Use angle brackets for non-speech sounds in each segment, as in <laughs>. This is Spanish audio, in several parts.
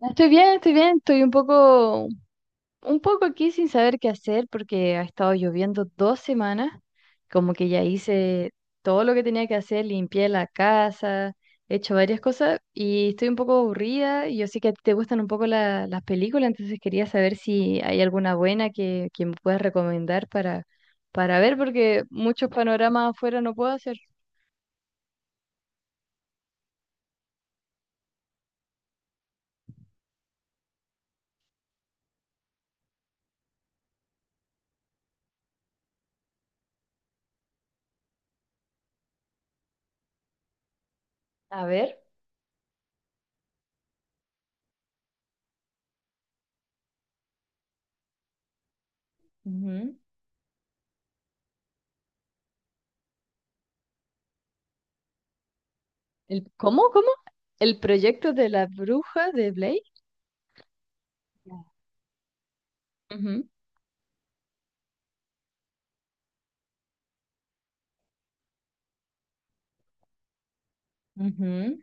Estoy bien, estoy bien, estoy un poco aquí sin saber qué hacer porque ha estado lloviendo dos semanas, como que ya hice todo lo que tenía que hacer, limpié la casa, he hecho varias cosas y estoy un poco aburrida. Yo sé que a ti te gustan un poco las películas, entonces quería saber si hay alguna buena que me puedas recomendar para ver porque muchos panoramas afuera no puedo hacer. A ver, ujú. El, ¿cómo, cómo? ¿El proyecto de la bruja de Blake? Ujú. Ujú,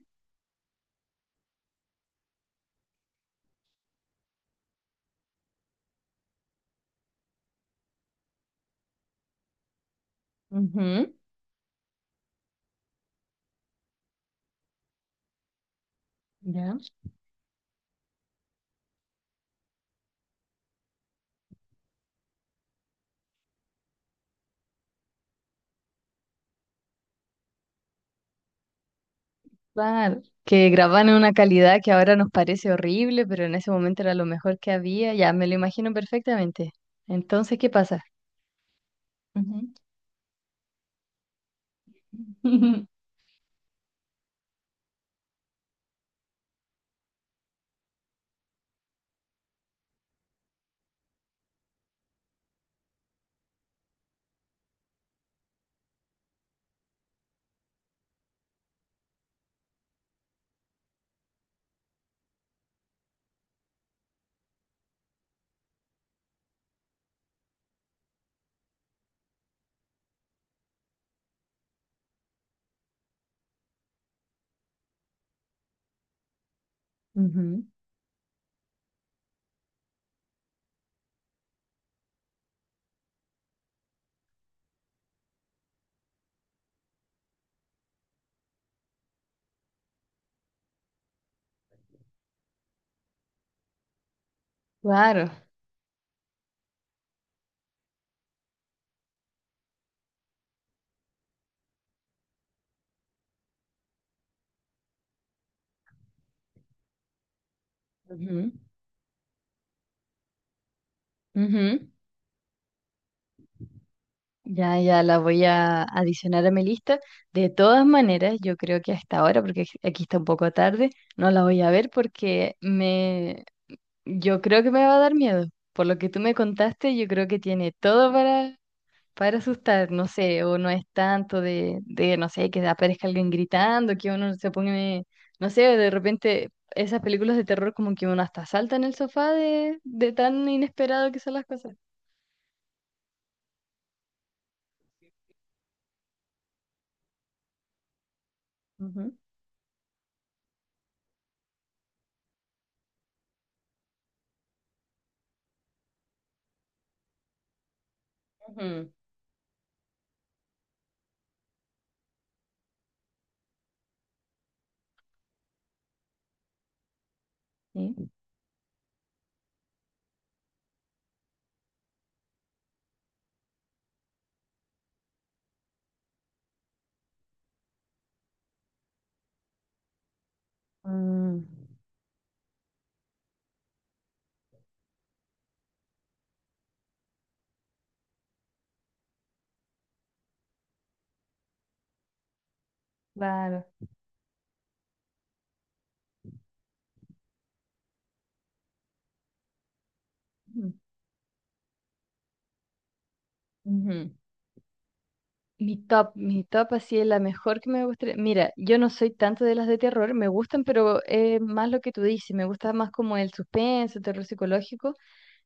ujú. Ya. Claro, que graban en una calidad que ahora nos parece horrible, pero en ese momento era lo mejor que había, ya me lo imagino perfectamente. Entonces, ¿qué pasa? Ujú. <laughs> Ujú. Claro. Ujú, ujú. Ya, ya la voy a adicionar a mi lista. De todas maneras, yo creo que hasta ahora, porque aquí está un poco tarde, no la voy a ver porque yo creo que me va a dar miedo. Por lo que tú me contaste, yo creo que tiene todo para asustar, no sé, o no es tanto no sé, que aparezca alguien gritando, que uno se pone, no sé, de repente esas películas de terror como que uno hasta salta en el sofá de tan inesperado que son las cosas. Ujú. Ujú. Sí. Mm. Claro. Ujú, ujú. Mi top así es la mejor que me gustaría. Mira, yo no soy tanto de las de terror, me gustan, pero es más lo que tú dices, me gusta más como el suspenso, terror psicológico.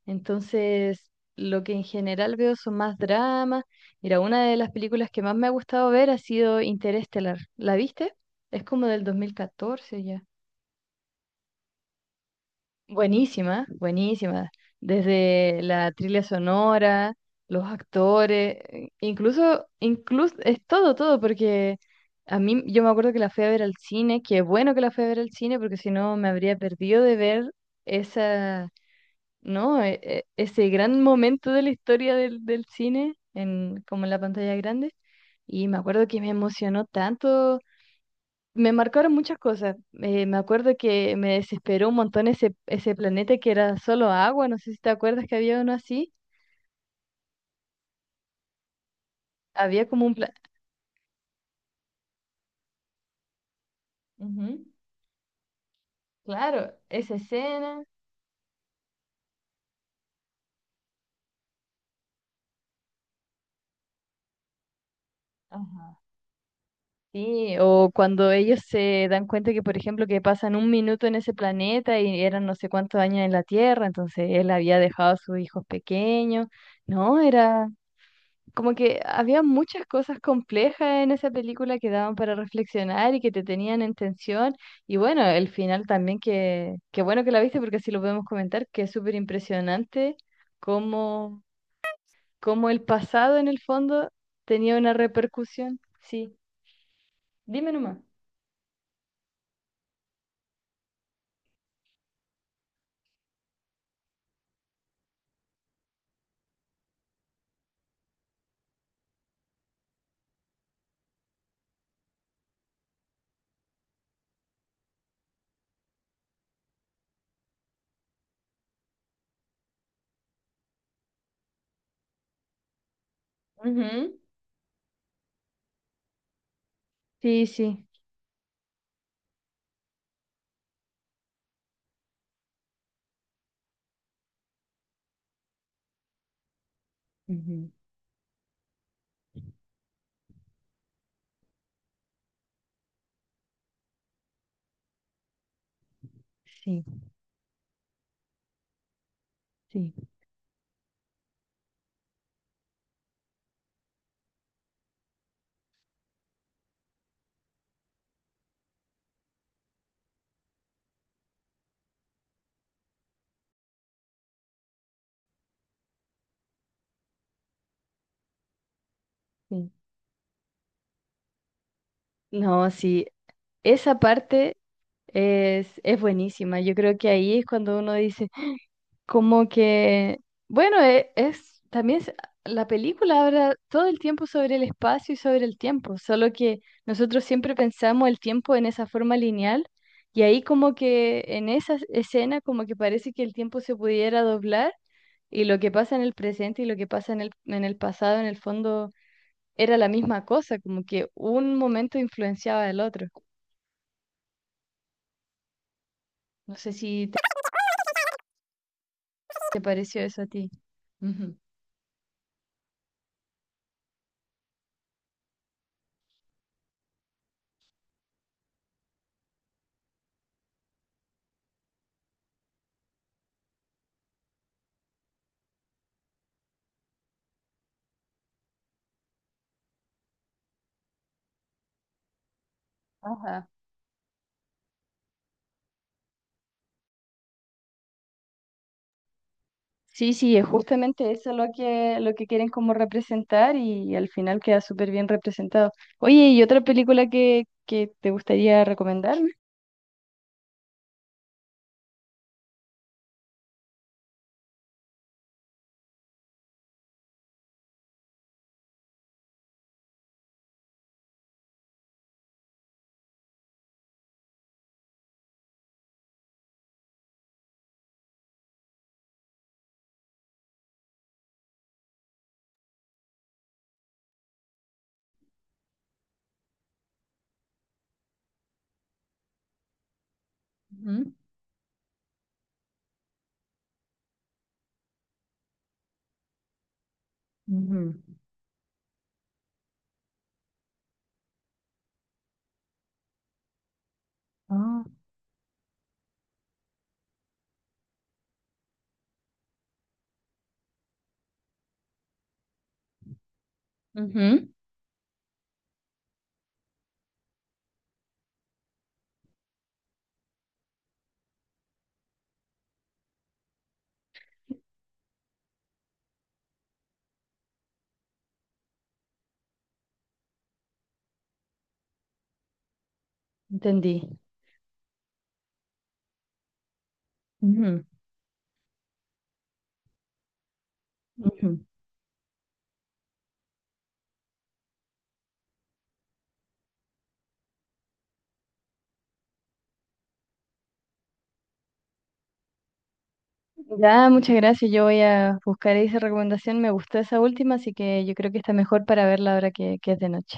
Entonces, lo que en general veo son más dramas. Mira, una de las películas que más me ha gustado ver ha sido Interestelar. ¿La viste? Es como del 2014 ya. Buenísima, buenísima. Desde la trilla sonora, los actores, incluso es todo, todo, porque a mí yo me acuerdo que la fui a ver al cine, que bueno que la fui a ver al cine, porque si no me habría perdido de ver esa, ¿no? Ese gran momento de la historia del cine, en, como en la pantalla grande. Y me acuerdo que me emocionó tanto, me marcaron muchas cosas. Me acuerdo que me desesperó un montón ese planeta que era solo agua, no sé si te acuerdas que había uno así. Había como un planeta. Claro, esa escena. Ajá. Sí, o cuando ellos se dan cuenta que, por ejemplo, que pasan un minuto en ese planeta y eran no sé cuántos años en la Tierra, entonces él había dejado a sus hijos pequeños. No, era como que había muchas cosas complejas en esa película que daban para reflexionar y que te tenían en tensión. Y bueno, el final también que bueno que la viste porque así lo podemos comentar, que es súper impresionante cómo, cómo el pasado en el fondo tenía una repercusión. Sí, dime nomás. Ujú. Sí, sí. Ujú. Sí, sí, sí. No, sí, esa parte es buenísima. Yo creo que ahí es cuando uno dice, como que, bueno, la película habla todo el tiempo sobre el espacio y sobre el tiempo, solo que nosotros siempre pensamos el tiempo en esa forma lineal y ahí como que en esa escena como que parece que el tiempo se pudiera doblar y lo que pasa en el presente y lo que pasa en el pasado en el fondo era la misma cosa, como que un momento influenciaba al otro. No sé si te, te pareció eso a ti. Ujú. Ajá. Sí, sí, es justamente eso lo lo que quieren como representar y al final queda súper bien representado. Oye, ¿y otra película que te gustaría recomendarme? Ujú, ujú. Ah. Ujú. Entendí. Ujú, ujú. Ya, muchas gracias. Yo voy a buscar esa recomendación. Me gustó esa última, así que yo creo que está mejor para verla ahora que es de noche.